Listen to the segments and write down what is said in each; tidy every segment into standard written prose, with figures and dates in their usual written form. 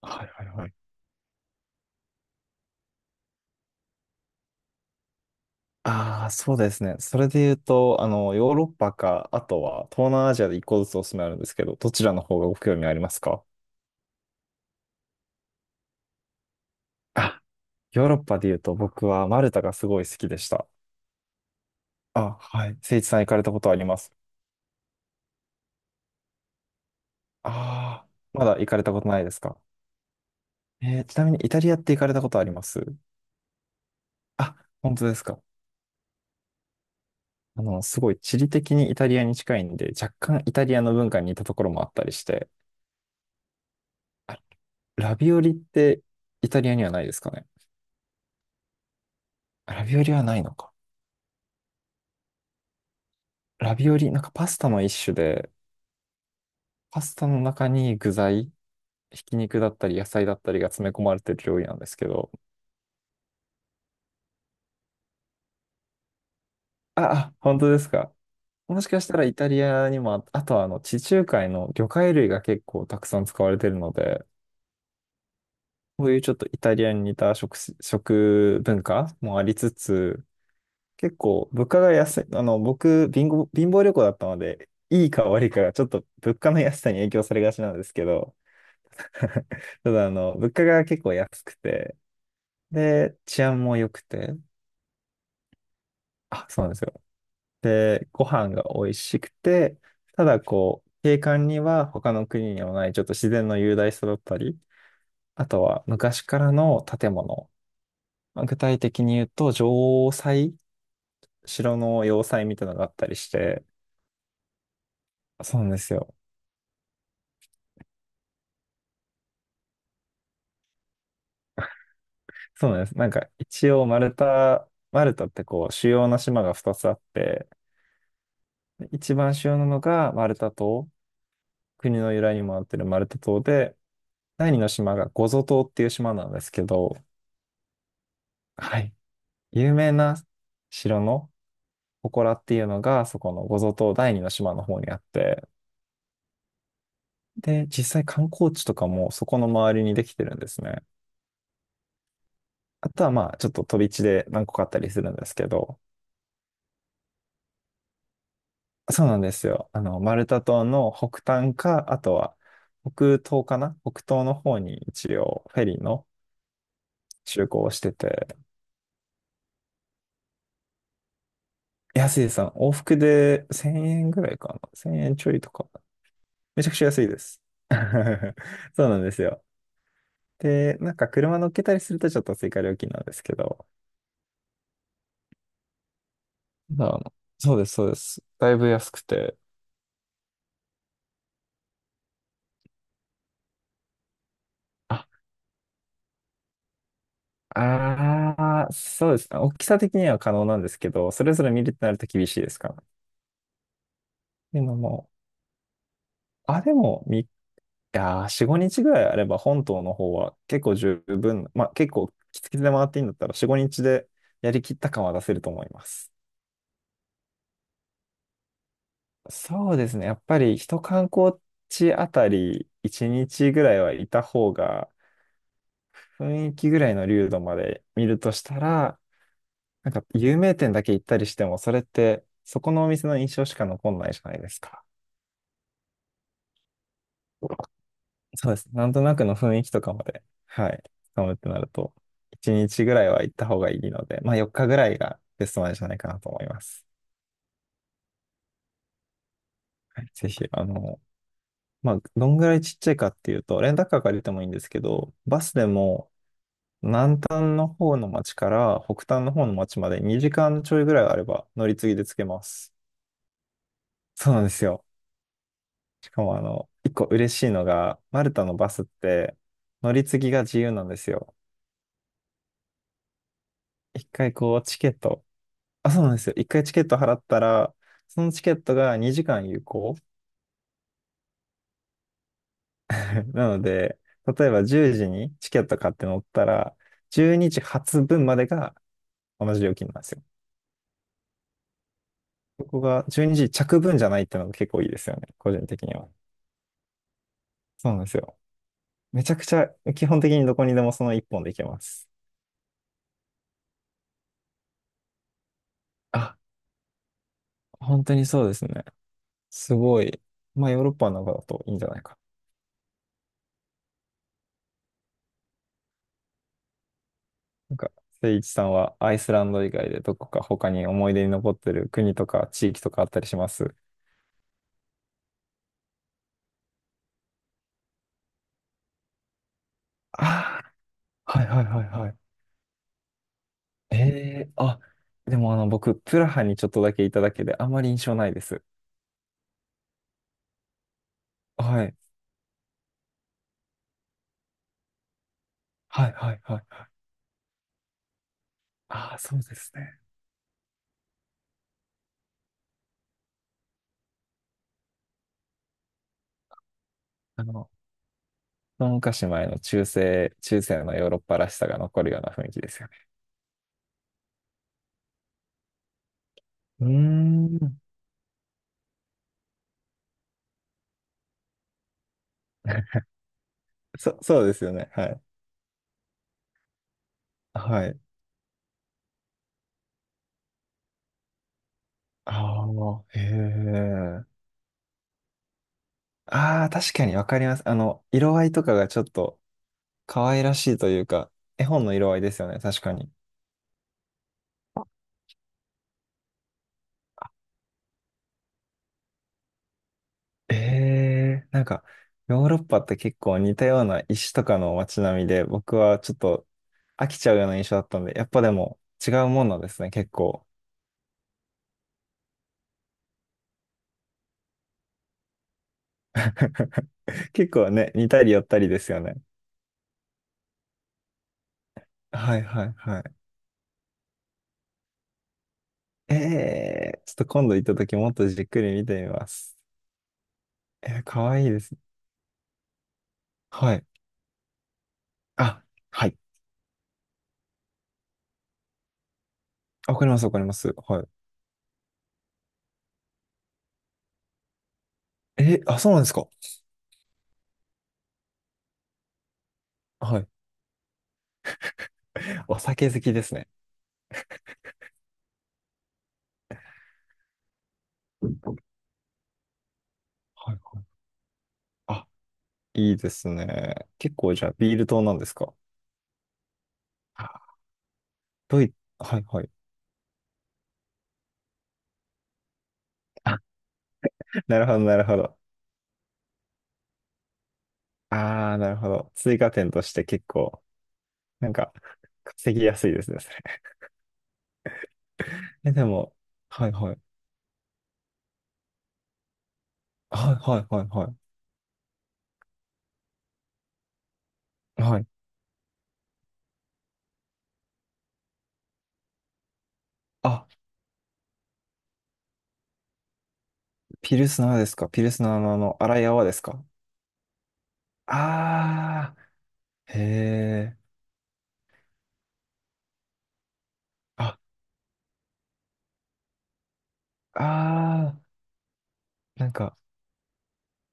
はいはいはい。ああ、そうですね。それで言うと、ヨーロッパか、あとは東南アジアで一個ずつおすすめあるんですけど、どちらの方がご興味ありますか？あ、ヨーロッパで言うと僕はマルタがすごい好きでした。あ、はい。誠一さん行かれたことあります？ああ、まだ行かれたことないですか？ちなみにイタリアって行かれたことあります？あ、本当ですか？すごい地理的にイタリアに近いんで、若干イタリアの文化に似たところもあったりして、あ、ラビオリってイタリアにはないですかね？ラビオリはないのか。ラビオリ、なんかパスタの一種で、パスタの中に具材、ひき肉だったり野菜だったりが詰め込まれてる料理なんですけど。あ、あ、本当ですか。もしかしたらイタリアにもあ、あとはあの地中海の魚介類が結構たくさん使われてるので、こういうちょっとイタリアに似た食文化もありつつ、結構物価が安い、僕、貧乏旅行だったので、いいか悪いかがちょっと物価の安さに影響されがちなんですけど、ただ、物価が結構安くて、で、治安も良くて、あ、そうなんですよ。で、ご飯が美味しくて、ただ、こう、景観には他の国にはない、ちょっと自然の雄大さだったり、あとは昔からの建物。まあ具体的に言うと、城塞、城の要塞みたいなのがあったりして、そうなんですよ。そうなんです。なんか、一応、マルタってこう、主要な島が2つあって、一番主要なのがマルタ島。国の由来にもなってるマルタ島で、第二の島がゴゾ島っていう島なんですけど、はい。有名な城の祠っていうのが、そこのゴゾ島第二の島の方にあって、で、実際観光地とかもそこの周りにできてるんですね。あとはまあ、ちょっと飛び地で何個かあったりするんですけど、そうなんですよ。マルタ島の北端か、あとは北東かな北東の方に一応フェリーの就航をしてて、安いです。往復で1000円ぐらいかな。1000円ちょいとか。めちゃくちゃ安いです。そうなんですよ。で、なんか車乗っけたりするとちょっと追加料金なんですけど。ただそうです、そうです。だいぶ安くて。あ、あー、そうですね。大きさ的には可能なんですけど、それぞれ見るってなると厳しいですから。っていうのも、あ、でも、いやー、4、5日ぐらいあれば本島の方は結構十分、まあ結構きつきつで回っていいんだったら4、5日でやりきった感は出せると思います。そうですね。やっぱり一観光地あたり1日ぐらいはいた方が雰囲気ぐらいの流度まで見るとしたら、なんか有名店だけ行ったりしてもそれってそこのお店の印象しか残んないじゃないですか。そうです。なんとなくの雰囲気とかまで、はい、つかむってなると1日ぐらいは行った方がいいので、まあ4日ぐらいがベストなんじゃないかなと思います。はい、ぜひ、まあ、どんぐらいちっちゃいかっていうと、レンタカー借りてもいいんですけど、バスでも南端の方の町から北端の方の町まで2時間ちょいぐらいあれば乗り継ぎで着けます。そうなんですよ。しかも一個嬉しいのが、マルタのバスって乗り継ぎが自由なんですよ。一回こうチケット、あ、そうなんですよ。一回チケット払ったら、そのチケットが2時間有効。なので、例えば10時にチケット買って乗ったら、12時発分までが同じ料金なんですよ。ここが12時着分じゃないっていうのが結構いいですよね。個人的には。そうなんですよ。めちゃくちゃ基本的にどこにでもその一本で行けます。あ、本当にそうですね。すごい。まあヨーロッパの中だといいんじゃないか。なんか、誠一さんはアイスランド以外でどこか他に思い出に残ってる国とか地域とかあったりします？ああー、はいはいはいはい。ええ、あ、でも僕、プラハにちょっとだけいただけであまり印象ないです。はい。はいはいはいはい。ああ、そうですね。あの、一昔前の中世のヨーロッパらしさが残るような雰囲気ですよね？うーん。そうですよね。はい。はい。ああ、へえ。ああ、確かにわかります。色合いとかがちょっと可愛らしいというか、絵本の色合いですよね。確かに。ええ、なんか、ヨーロッパって結構似たような石とかの街並みで、僕はちょっと飽きちゃうような印象だったんで、やっぱでも違うもんなんですね、結構。結構ね、似たり寄ったりですよね。はいはいはい。ええ、ちょっと今度行った時もっとじっくり見てみます。かわいいですね。はい。あ、はい。わかります、わかります。はい。あ、そうなんですか？はい。お酒好きですね。はいはい。あ、いいですね。結構じゃあ、ビール党なんですか？あ、ドイ、はいはい。あ、なるほど、なるほど。ああ、なるほど。追加点として結構、なんか、稼ぎやすいですね、それ。え、でも、はいはい。はいはいはいはい。はい。あ、ピルスナーですか？ピルスナーの荒い泡ですか？あー、へえ。あ、あー、なんか、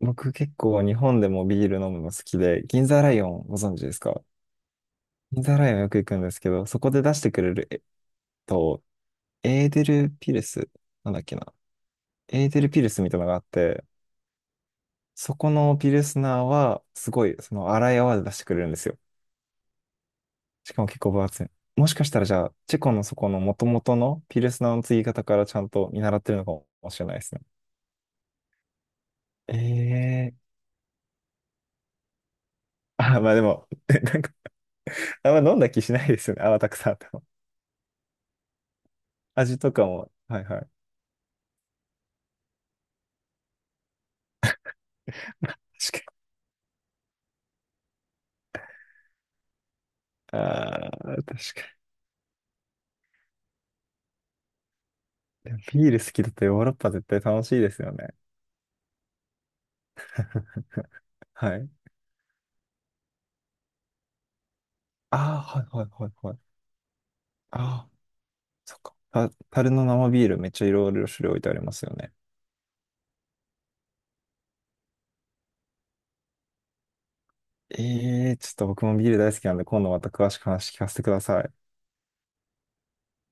僕結構日本でもビール飲むの好きで、銀座ライオンご存知ですか？銀座ライオンよく行くんですけど、そこで出してくれる、と、エーデルピルス、なんだっけな。エーデルピルスみたいなのがあって、そこのピルスナーは、すごい、その荒い泡で出してくれるんですよ。しかも結構分厚い。もしかしたらじゃあ、チェコのそこの元々のピルスナーの継ぎ方からちゃんと見習ってるのかもしれないですね。ええ、あ、まあでも、なんか、あんま飲んだ気しないですよね。泡たくさんあっても。味とかも、はいはい。確かに。ああ、確かに。でもビール好きだとヨーロッパ絶対楽しいですよね。はい。ああ、はいはいはいはい。ああ、そっか。樽の生ビールめっちゃいろいろ種類置いてありますよね。ええ、ちょっと僕もビール大好きなんで、今度また詳しく話聞かせてください。